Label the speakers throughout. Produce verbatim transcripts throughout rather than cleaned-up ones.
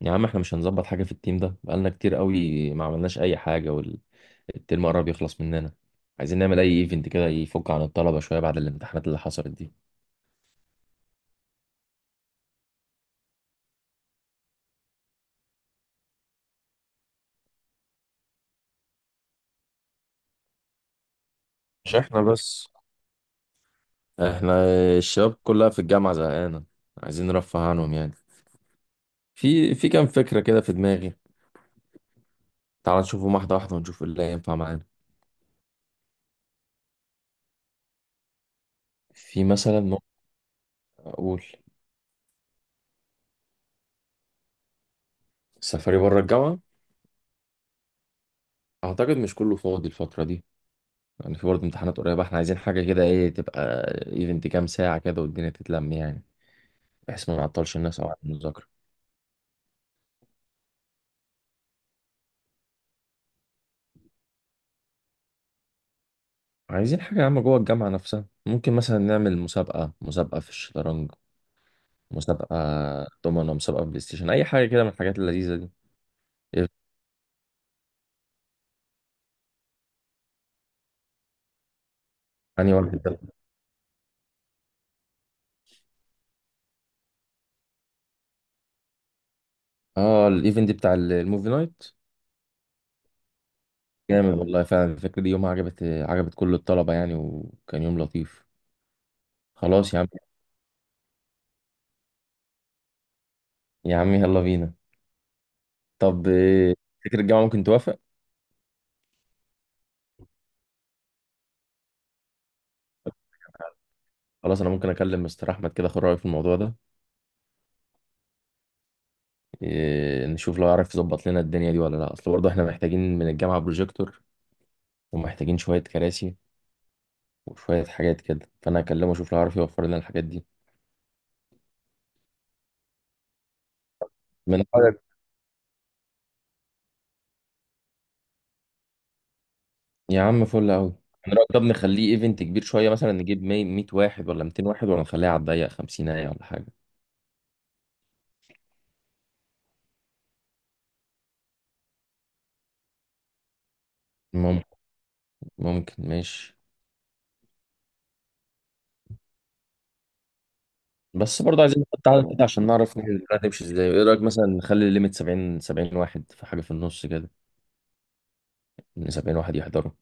Speaker 1: يا عم، احنا مش هنظبط حاجة في التيم ده. بقالنا كتير قوي ما عملناش أي حاجة والترم قرب يخلص مننا. عايزين نعمل أي ايفنت كده يفك عن الطلبة شوية بعد الامتحانات اللي حصلت دي. مش احنا بس، احنا الشباب كلها في الجامعة زهقانة، عايزين نرفه عنهم يعني. في في كام فكرة كده في دماغي. تعال نشوفهم واحدة واحدة ونشوف ايه اللي هينفع معانا. في مثلا ممكن أقول. سفري بره الجامعة. أعتقد مش كله فاضي الفترة دي، يعني في برضه امتحانات قريبة، احنا عايزين حاجة كده. ايه تبقى ايفنت كام ساعة كده والدنيا تتلم يعني، بحيث ما نعطلش الناس أو عن المذاكرة. عايزين حاجة يا عم جوه الجامعة نفسها. ممكن مثلا نعمل مسابقة، مسابقة في الشطرنج، مسابقة دومنة، مسابقة بلاي ستيشن، أي حاجة كده من الحاجات اللذيذة دي. يعني واحد ده. اه، الايفنت بتاع ال- الموفي نايت، جامد والله فعلا. الفكرة دي يومها عجبت عجبت كل الطلبة يعني، وكان يوم لطيف. خلاص يا عم، يا عم يلا بينا. طب إيه، فكرة الجامعة ممكن توافق. خلاص، انا ممكن اكلم مستر احمد كده، اخد رايه في الموضوع ده. إيه، نشوف لو يعرف يظبط لنا الدنيا دي ولا لا، اصل برضه احنا محتاجين من الجامعه بروجيكتور، ومحتاجين شوية كراسي وشوية حاجات كده. فأنا هكلمه أشوف لو عارف يوفر لنا الحاجات دي. من رأيك. يا عم فل أوي. من رأيك طب نخليه إيفنت كبير شوية، مثلا نجيب مية واحد ولا ميتين واحد، ولا نخليها على الضيق خمسين ولا حاجة. ممكن، ممكن ماشي. بس برضه عايزين نحط عدد كده عشان نعرف ن- نمشي ازاي. ايه رأيك مثلا نخلي الليميت سبعين، سبعين واحد في حاجة في النص كده، ان سبعين واحد يحضروا.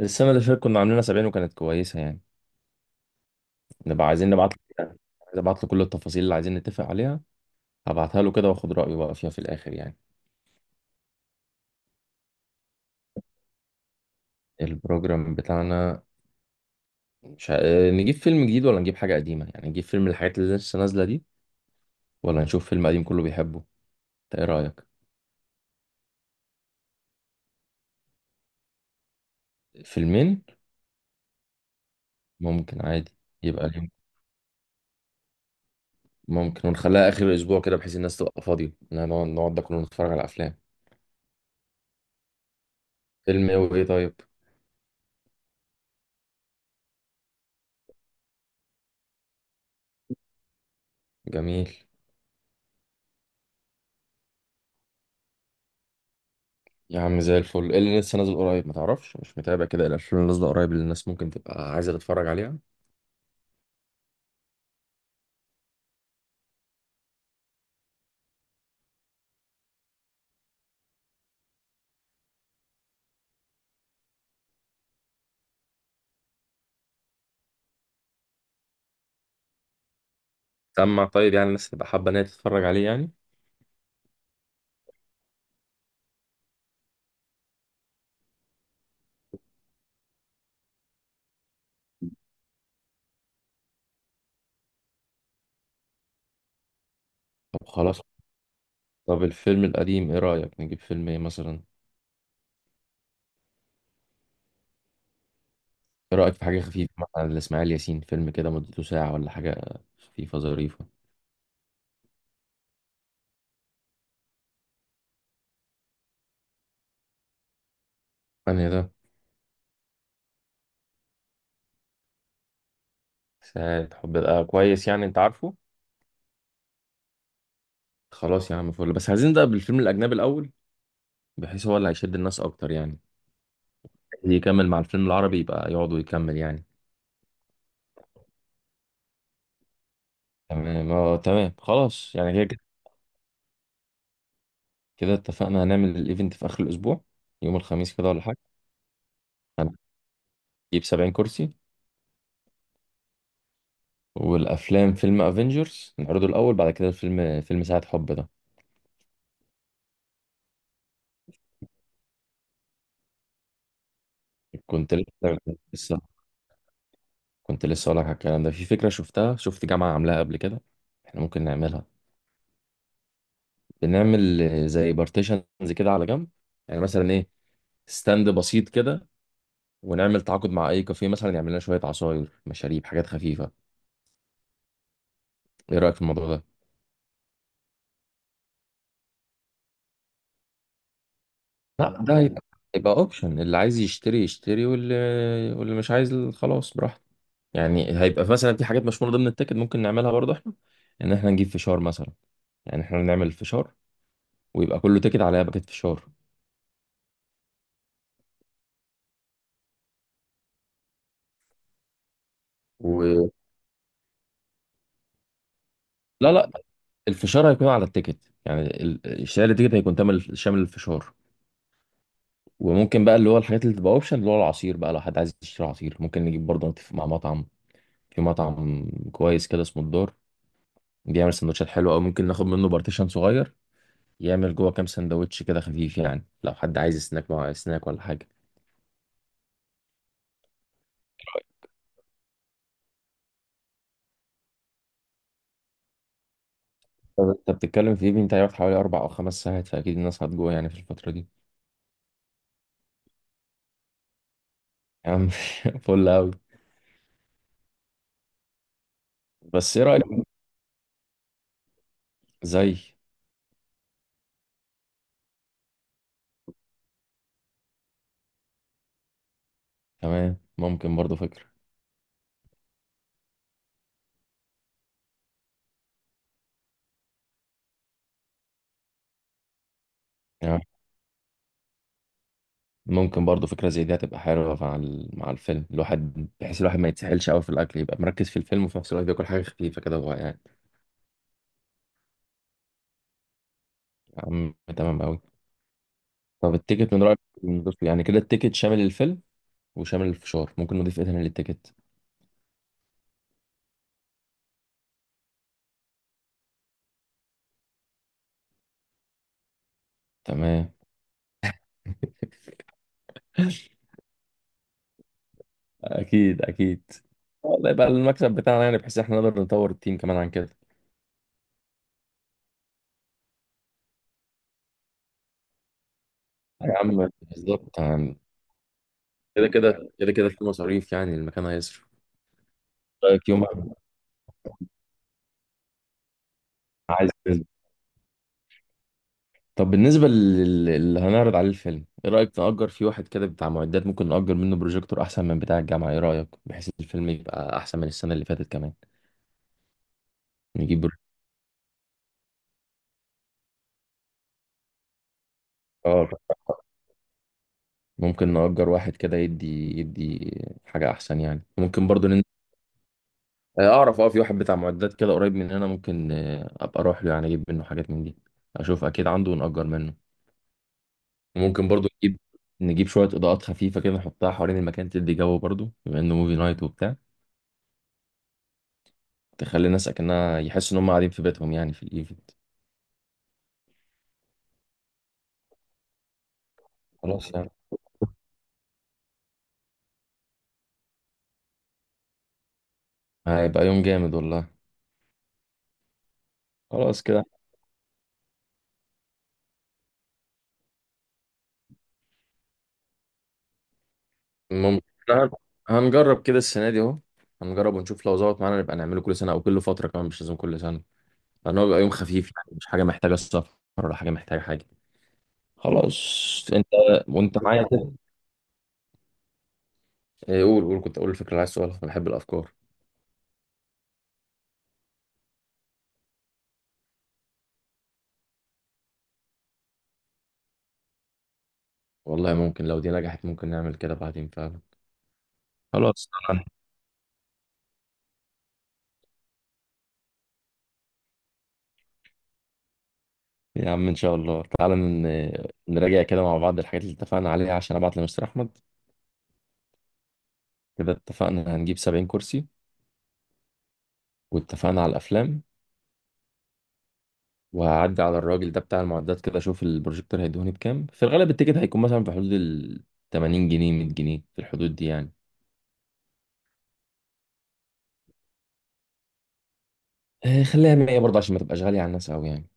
Speaker 1: السنة اللي فاتت كنا عاملينها سبعين وكانت كويسة يعني. نبقى عايزين نبعت له. عايز ابعت له كل التفاصيل اللي عايزين نتفق عليها. هبعتها له كده واخد رأيه بقى فيها في الآخر يعني. البروجرام بتاعنا. مش ه... آه، نجيب فيلم جديد ولا نجيب حاجة قديمة يعني. نجيب فيلم من الحاجات اللي لسه نازلة دي، ولا نشوف فيلم قديم كله بيحبه. انت ايه رأيك. فيلمين، ممكن عادي. يبقى اليوم ممكن، ونخليها آخر الأسبوع كده بحيث الناس تبقى فاضية، إنها نقعد نقعد ده كله نتفرج على أفلام. فيلم ايه وايه طيب. جميل. يا عم زي الفل. ايه اللي لسه نازل قريب، ما تعرفش؟ مش متابع كده الأفلام اللي نازلة قريب اللي الناس ممكن تبقى عايزة تتفرج عليها. سمع طيب، يعني الناس تبقى حابة إن هي تتفرج عليه يعني. طب خلاص. طب الفيلم القديم ايه رأيك نجيب فيلم ايه مثلا. ايه رأيك في حاجة خفيفة، مثلا لإسماعيل ياسين فيلم كده مدته ساعة ولا حاجة، خفيفة ظريفة. انا ده. ساعة حب، آه كويس يعني. انت عارفه. خلاص يا عم فل. بس عايزين نبدأ بالفيلم الأجنبي الأول، بحيث هو اللي هيشد الناس أكتر يعني. اللي يكمل مع الفيلم العربي يبقى يقعدوا يكمل يعني. تمام، اه تمام، خلاص يعني كده كده. كده اتفقنا هنعمل الإيفنت في آخر الأسبوع، يوم الخميس كده ولا حاجة. هنجيب سبعين كرسي. والأفلام: فيلم افنجرز نعرضه الأول، بعد كده الفيلم فيلم ساعة حب ده. كنت لسه، لسه، كنت لسه اقول لك على الكلام ده. في فكره شفتها شفت جامعه عاملاها قبل كده، احنا ممكن نعملها. بنعمل آه، زي بارتيشنز كده على جنب، يعني مثلا ايه، ستاند بسيط كده، ونعمل تعاقد مع اي كافيه مثلا يعمل لنا شويه عصاير، مشاريب، حاجات خفيفه. ايه رايك في الموضوع ده. لا ده هيبقى هيبقى اوبشن. اللي عايز يشتري يشتري، واللي واللي مش عايز خلاص براحته. يعني هيبقى مثلا في حاجات مش من ضمن التيكت ممكن نعملها برضه احنا، ان احنا نجيب فشار مثلا. يعني احنا نعمل فشار ويبقى كله تيكت عليها باكت فشار. و... لا لا، الفشار هيكون على التيكت. يعني ال- اشتراك التيكت هيكون تامل شامل الفشار. وممكن بقى اللي هو الحاجات اللي تبقى اوبشن اللي هو العصير بقى، لو حد عايز يشتري عصير ممكن نجيب برضه. نتفق مع مطعم، في مطعم كويس كده اسمه الدار، بيعمل سندوتشات حلوه. او ممكن ناخد منه بارتيشن صغير يعمل جوه كام سندوتش كده خفيف، يعني لو حد عايز سناك مع سناك ولا حاجه. طب انت بتتكلم في ايفنت هيقعد حوالي اربع او خمس ساعات، فاكيد الناس هتجوع يعني في الفتره دي. يا عم فل قوي. بس ايه رايك، زي. تمام، ممكن برضه فكره. يعني ممكن برضو فكرة زي دي هتبقى حلوة مع ال- مع الفيلم الواحد، بحيث الواحد ما يتسحلش قوي في الأكل، يبقى مركز في الفيلم وفي نفس الوقت بياكل حاجة خفيفة كده وهو قاعد. يا عم تمام قوي. طب التيكت من رأيك ندوس فيه؟ يعني كده التيكت شامل الفيلم وشامل الفشار. ممكن نضيف ايه تاني للتيكت؟ تمام. أكيد أكيد. آه، ده يبقى المكسب بتاعنا يعني، بحيث احنا نقدر نطور التيم كمان عن كده. يا عم بالظبط يعني. كده كده كده كده في مصاريف يعني، المكان هيصرف. رأيك يوم. عايز. طب بالنسبة لل- اللي هنعرض عليه الفيلم، ايه رأيك نأجر فيه واحد كده بتاع معدات؟ ممكن نأجر منه بروجيكتور احسن من بتاع الجامعة. ايه رأيك بحيث الفيلم يبقى احسن من السنة اللي فاتت كمان. نجيب برو- اه ممكن نأجر واحد كده يدي يدي حاجة احسن يعني. ممكن برضو نن... آه، اعرف. اه في واحد بتاع معدات كده قريب مننا. ممكن آه، ابقى اروح له، يعني اجيب منه حاجات من دي. اشوف اكيد عنده ونأجر منه. ممكن برضو نجيب نجيب شوية اضاءات خفيفة كده نحطها حوالين المكان تدي جو برضو، بما انه موفي نايت وبتاع. تخلي الناس اكنها يحسوا ان هم قاعدين في بيتهم يعني في الايفنت. خلاص يعني. هيبقى يوم جامد والله. خلاص كده. ممكن إحنا هنجرب كده السنه دي اهو. هنجرب ونشوف لو ظبط معانا نبقى نعمله كل سنه او كل فتره، كمان مش لازم كل سنه لان هو بيبقى يوم خفيف يعني، مش حاجه محتاجه سفر ولا حاجه محتاجه حاجه. خلاص انت. وانت معايا كده. إيه، قول قول، كنت اقول الفكره اللي عايز تقولها. انا بحب الافكار. والله ممكن لو دي نجحت ممكن نعمل كده بعدين فعلا. خلاص يا عم، ان شاء الله تعالى ن- نراجع كده مع بعض الحاجات اللي اتفقنا عليها عشان ابعت لمستر احمد. كده اتفقنا هنجيب سبعين كرسي، واتفقنا على الافلام. وهعدي على الراجل ده بتاع المعدات كده اشوف البروجيكتور هيدوني بكام. في الغالب التيكت هيكون مثلا في حدود ال تمانين جنيه، مية جنيه في الحدود دي يعني. آه، خليها مية برضه عشان ما تبقاش غالية على الناس قوي يعني.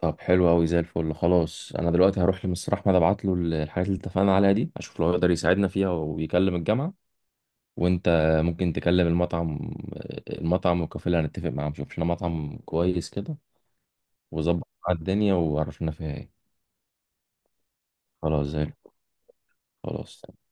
Speaker 1: طب حلو قوي زي الفل. خلاص انا دلوقتي هروح لمستر احمد، ابعت له الحاجات اللي اتفقنا عليها دي، اشوف لو يقدر يساعدنا فيها ويكلم الجامعة. وانت ممكن تكلم المطعم المطعم والكافيه اللي هنتفق معاهم. شوف لنا مطعم كويس كده وظبط مع الدنيا وعرفنا فيها ايه. خلاص زي الفل. خلاص